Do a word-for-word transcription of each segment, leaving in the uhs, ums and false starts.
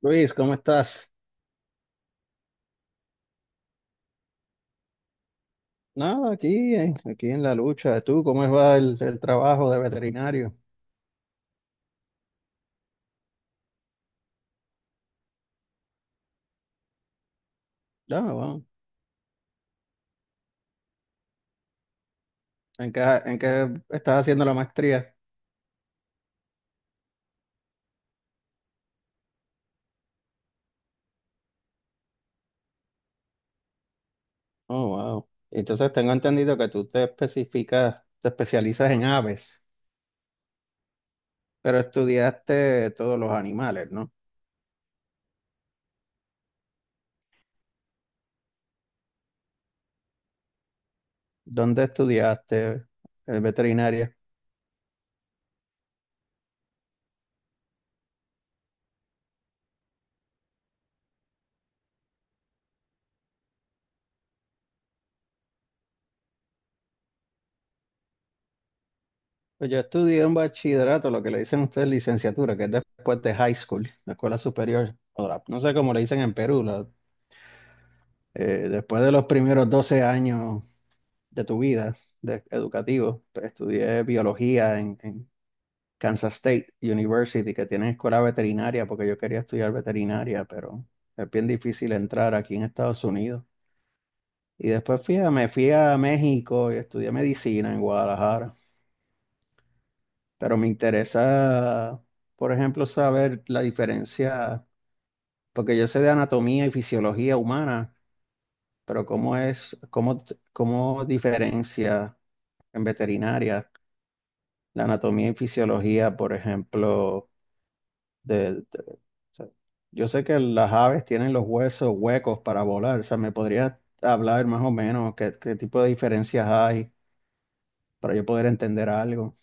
Luis, ¿cómo estás? No, aquí, eh, aquí en la lucha. ¿Tú cómo va el, el trabajo de veterinario? No, wow. ¿En qué, en qué estás haciendo la maestría? Oh, wow. Entonces tengo entendido que tú te especificas, te especializas en aves, pero estudiaste todos los animales, ¿no? ¿Dónde estudiaste eh, veterinaria? Pues yo estudié un bachillerato, lo que le dicen ustedes licenciatura, que es después de high school, la escuela superior. o la- No sé cómo le dicen en Perú, la Eh, después de los primeros doce años de tu vida de, educativo, pues, estudié biología en, en Kansas State University, que tiene escuela veterinaria, porque yo quería estudiar veterinaria, pero es bien difícil entrar aquí en Estados Unidos. Y después fui a- me fui a México y estudié medicina en Guadalajara. Pero me interesa, por ejemplo, saber la diferencia, porque yo sé de anatomía y fisiología humana, pero cómo es, cómo, cómo diferencia en veterinaria, la anatomía y fisiología, por ejemplo, de, de- o sea, yo sé que las aves tienen los huesos huecos para volar, o sea, me podrías hablar más o menos qué, qué tipo de diferencias hay para yo poder entender algo.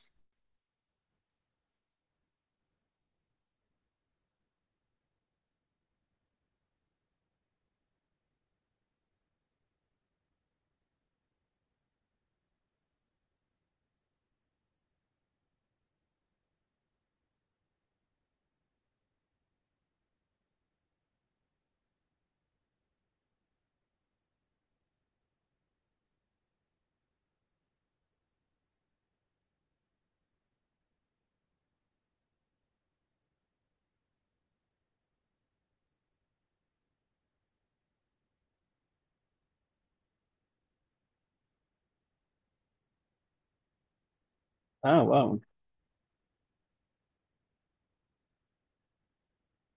Ah, wow.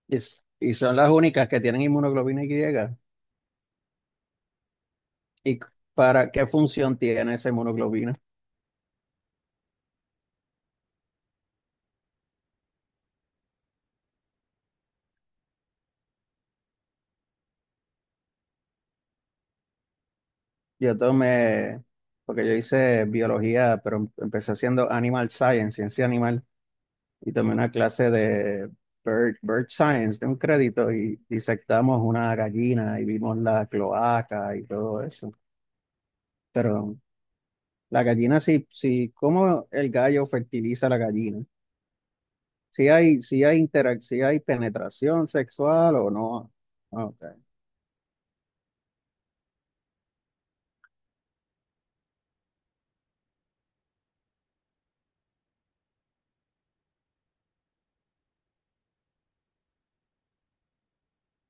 Y, s- y son las únicas que tienen inmunoglobina Y. ¿Y c- para qué función tiene esa inmunoglobina? Yo tomé, porque yo hice biología, pero em- empecé haciendo animal science, ciencia animal. Y tomé una clase de bird, bird science de un crédito y disectamos una gallina y vimos la cloaca y todo eso. Pero la gallina sí, sí, cómo el gallo fertiliza la gallina. Si hay, si hay interac- si hay penetración sexual o no. Ah, okay.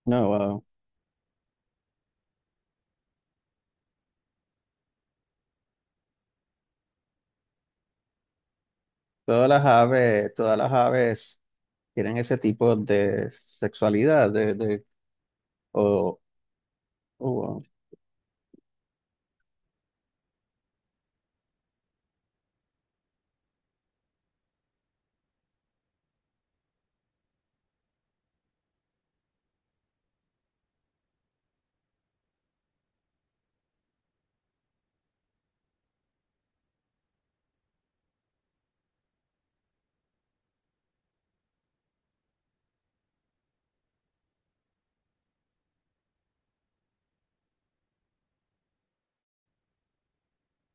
No, wow. Todas las aves, todas las aves tienen ese tipo de sexualidad. de, de, o, o,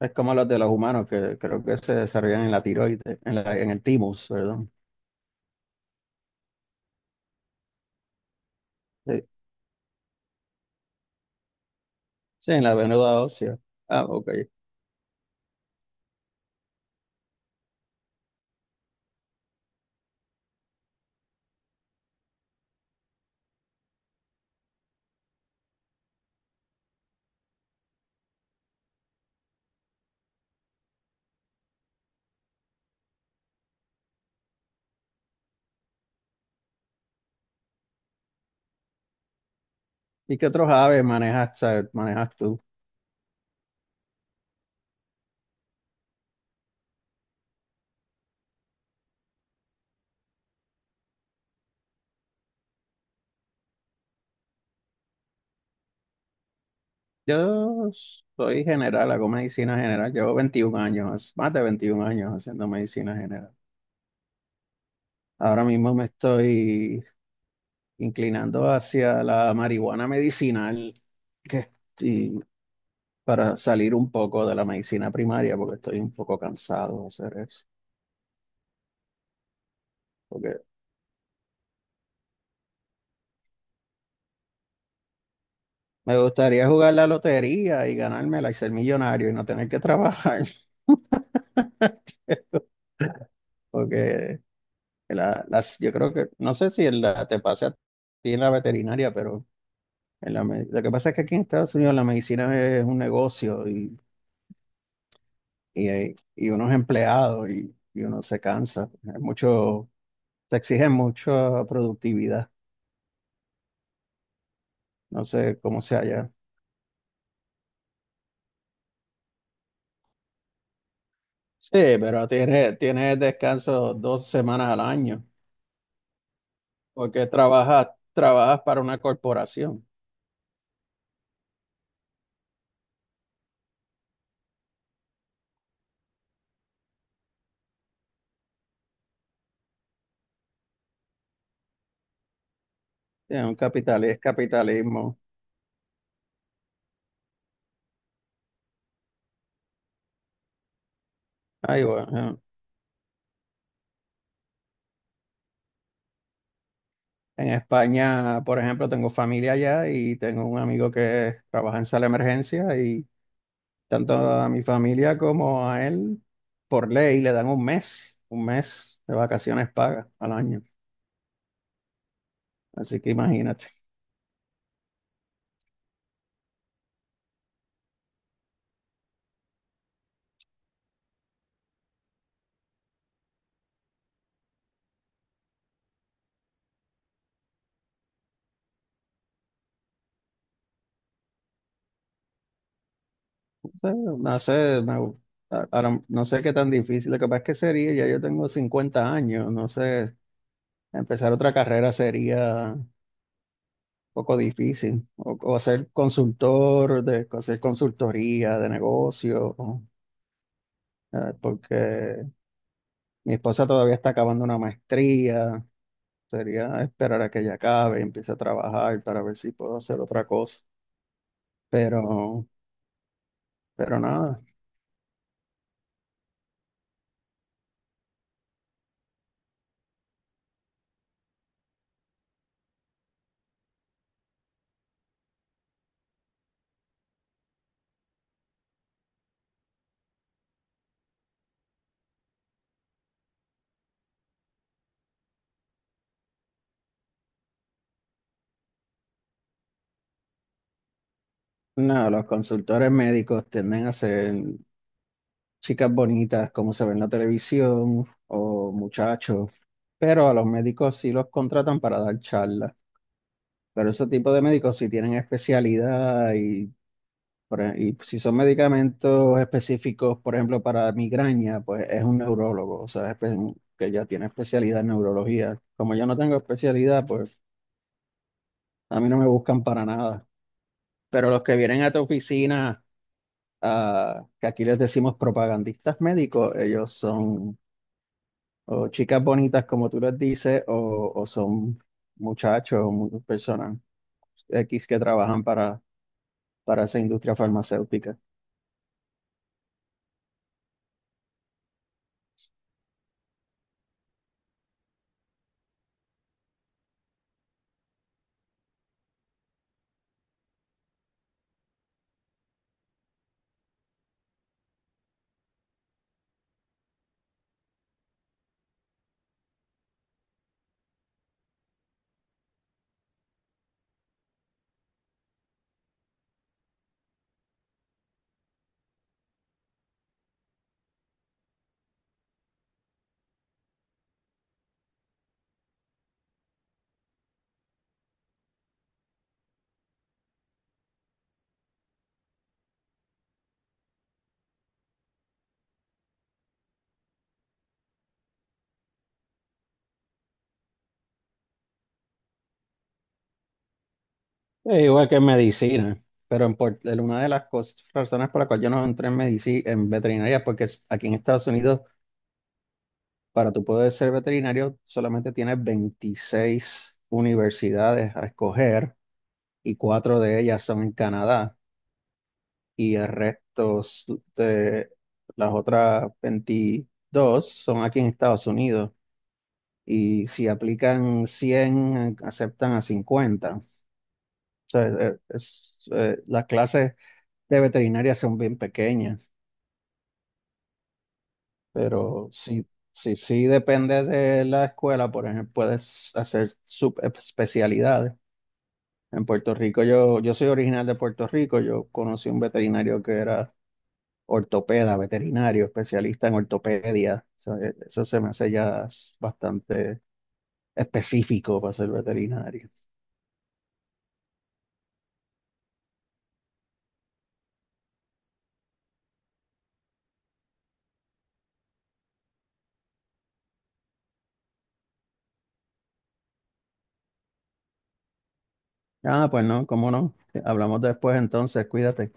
Es como los de los humanos que creo que se desarrollan en la tiroides, en la- en el timus, perdón. Sí, sí, en la venuda ósea. Ah, ok. ¿Y qué otros aves manejas, o sea, manejas tú? Yo soy general, hago medicina general. Llevo veintiún años, más de veintiún años haciendo medicina general. Ahora mismo me estoy inclinando hacia la marihuana medicinal, que estoy- para salir un poco de la medicina primaria, porque estoy un poco cansado de hacer eso. Me gustaría jugar la lotería y ganármela y ser millonario y no tener que trabajar, porque la- las, yo creo que, no sé si en la, te pasa a ti en la veterinaria, pero en la me- lo que pasa es que aquí en Estados Unidos la medicina es un negocio y, y, hay- y uno es empleado y, y uno se cansa. Hay mucho, te exigen mucha productividad, no sé cómo sea allá. Sí, pero tienes, tienes descanso dos semanas al año, porque trabajas, trabajas para una corporación. Es un capital, es capitalismo. Ay, bueno, eh, en España, por ejemplo, tengo familia allá y tengo un amigo que trabaja en sala de emergencia y tanto a mi familia como a él, por ley, le dan un mes, un mes de vacaciones pagas al año. Así que imagínate. No sé, no sé, me- ahora no sé qué tan difícil. Lo que pasa es que sería, ya yo tengo cincuenta años, no sé, empezar otra carrera sería poco difícil. O, o ser consultor, de hacer consultoría de negocio, ¿no? eh, porque mi esposa todavía está acabando una maestría. Sería esperar a que ella acabe y empiece a trabajar para ver si puedo hacer otra cosa. Pero, pero nada, nada, los consultores médicos tienden a ser chicas bonitas como se ve en la televisión o muchachos. Pero a los médicos sí los contratan para dar charlas. Pero ese tipo de médicos sí tienen especialidad. Y Por e- Y si son medicamentos específicos, por ejemplo, para migraña, pues es un neurólogo, o sea, espe- que ya tiene especialidad en neurología. Como yo no tengo especialidad, pues a mí no me buscan para nada. Pero los que vienen a tu oficina, ah, que aquí les decimos propagandistas médicos, ellos son o chicas bonitas, como tú les dices, o, o son muchachos o mu- personas X que trabajan para, para esa industria farmacéutica. Eh, igual que en medicina, pero en Puert- el- una de las cos- razones por las cuales yo no entré en medicina, en veterinaria, es porque es- aquí en Estados Unidos, para tú poder ser veterinario, solamente tienes veintiséis universidades a escoger y cuatro de ellas son en Canadá y el resto s- de las otras veintidós son aquí en Estados Unidos. Y si aplican cien, aceptan a cincuenta. O sea, eh, es, eh, las clases de veterinaria son bien pequeñas, pero sí, sí, sí depende de la escuela, por ejemplo, puedes hacer subespecialidades. En Puerto Rico, yo, yo soy original de Puerto Rico, yo conocí un veterinario que era ortopeda, veterinario, especialista en ortopedia. O sea, e- eso se me hace ya bastante específico para ser veterinario. Ah, pues no, cómo no. Hablamos después entonces, cuídate.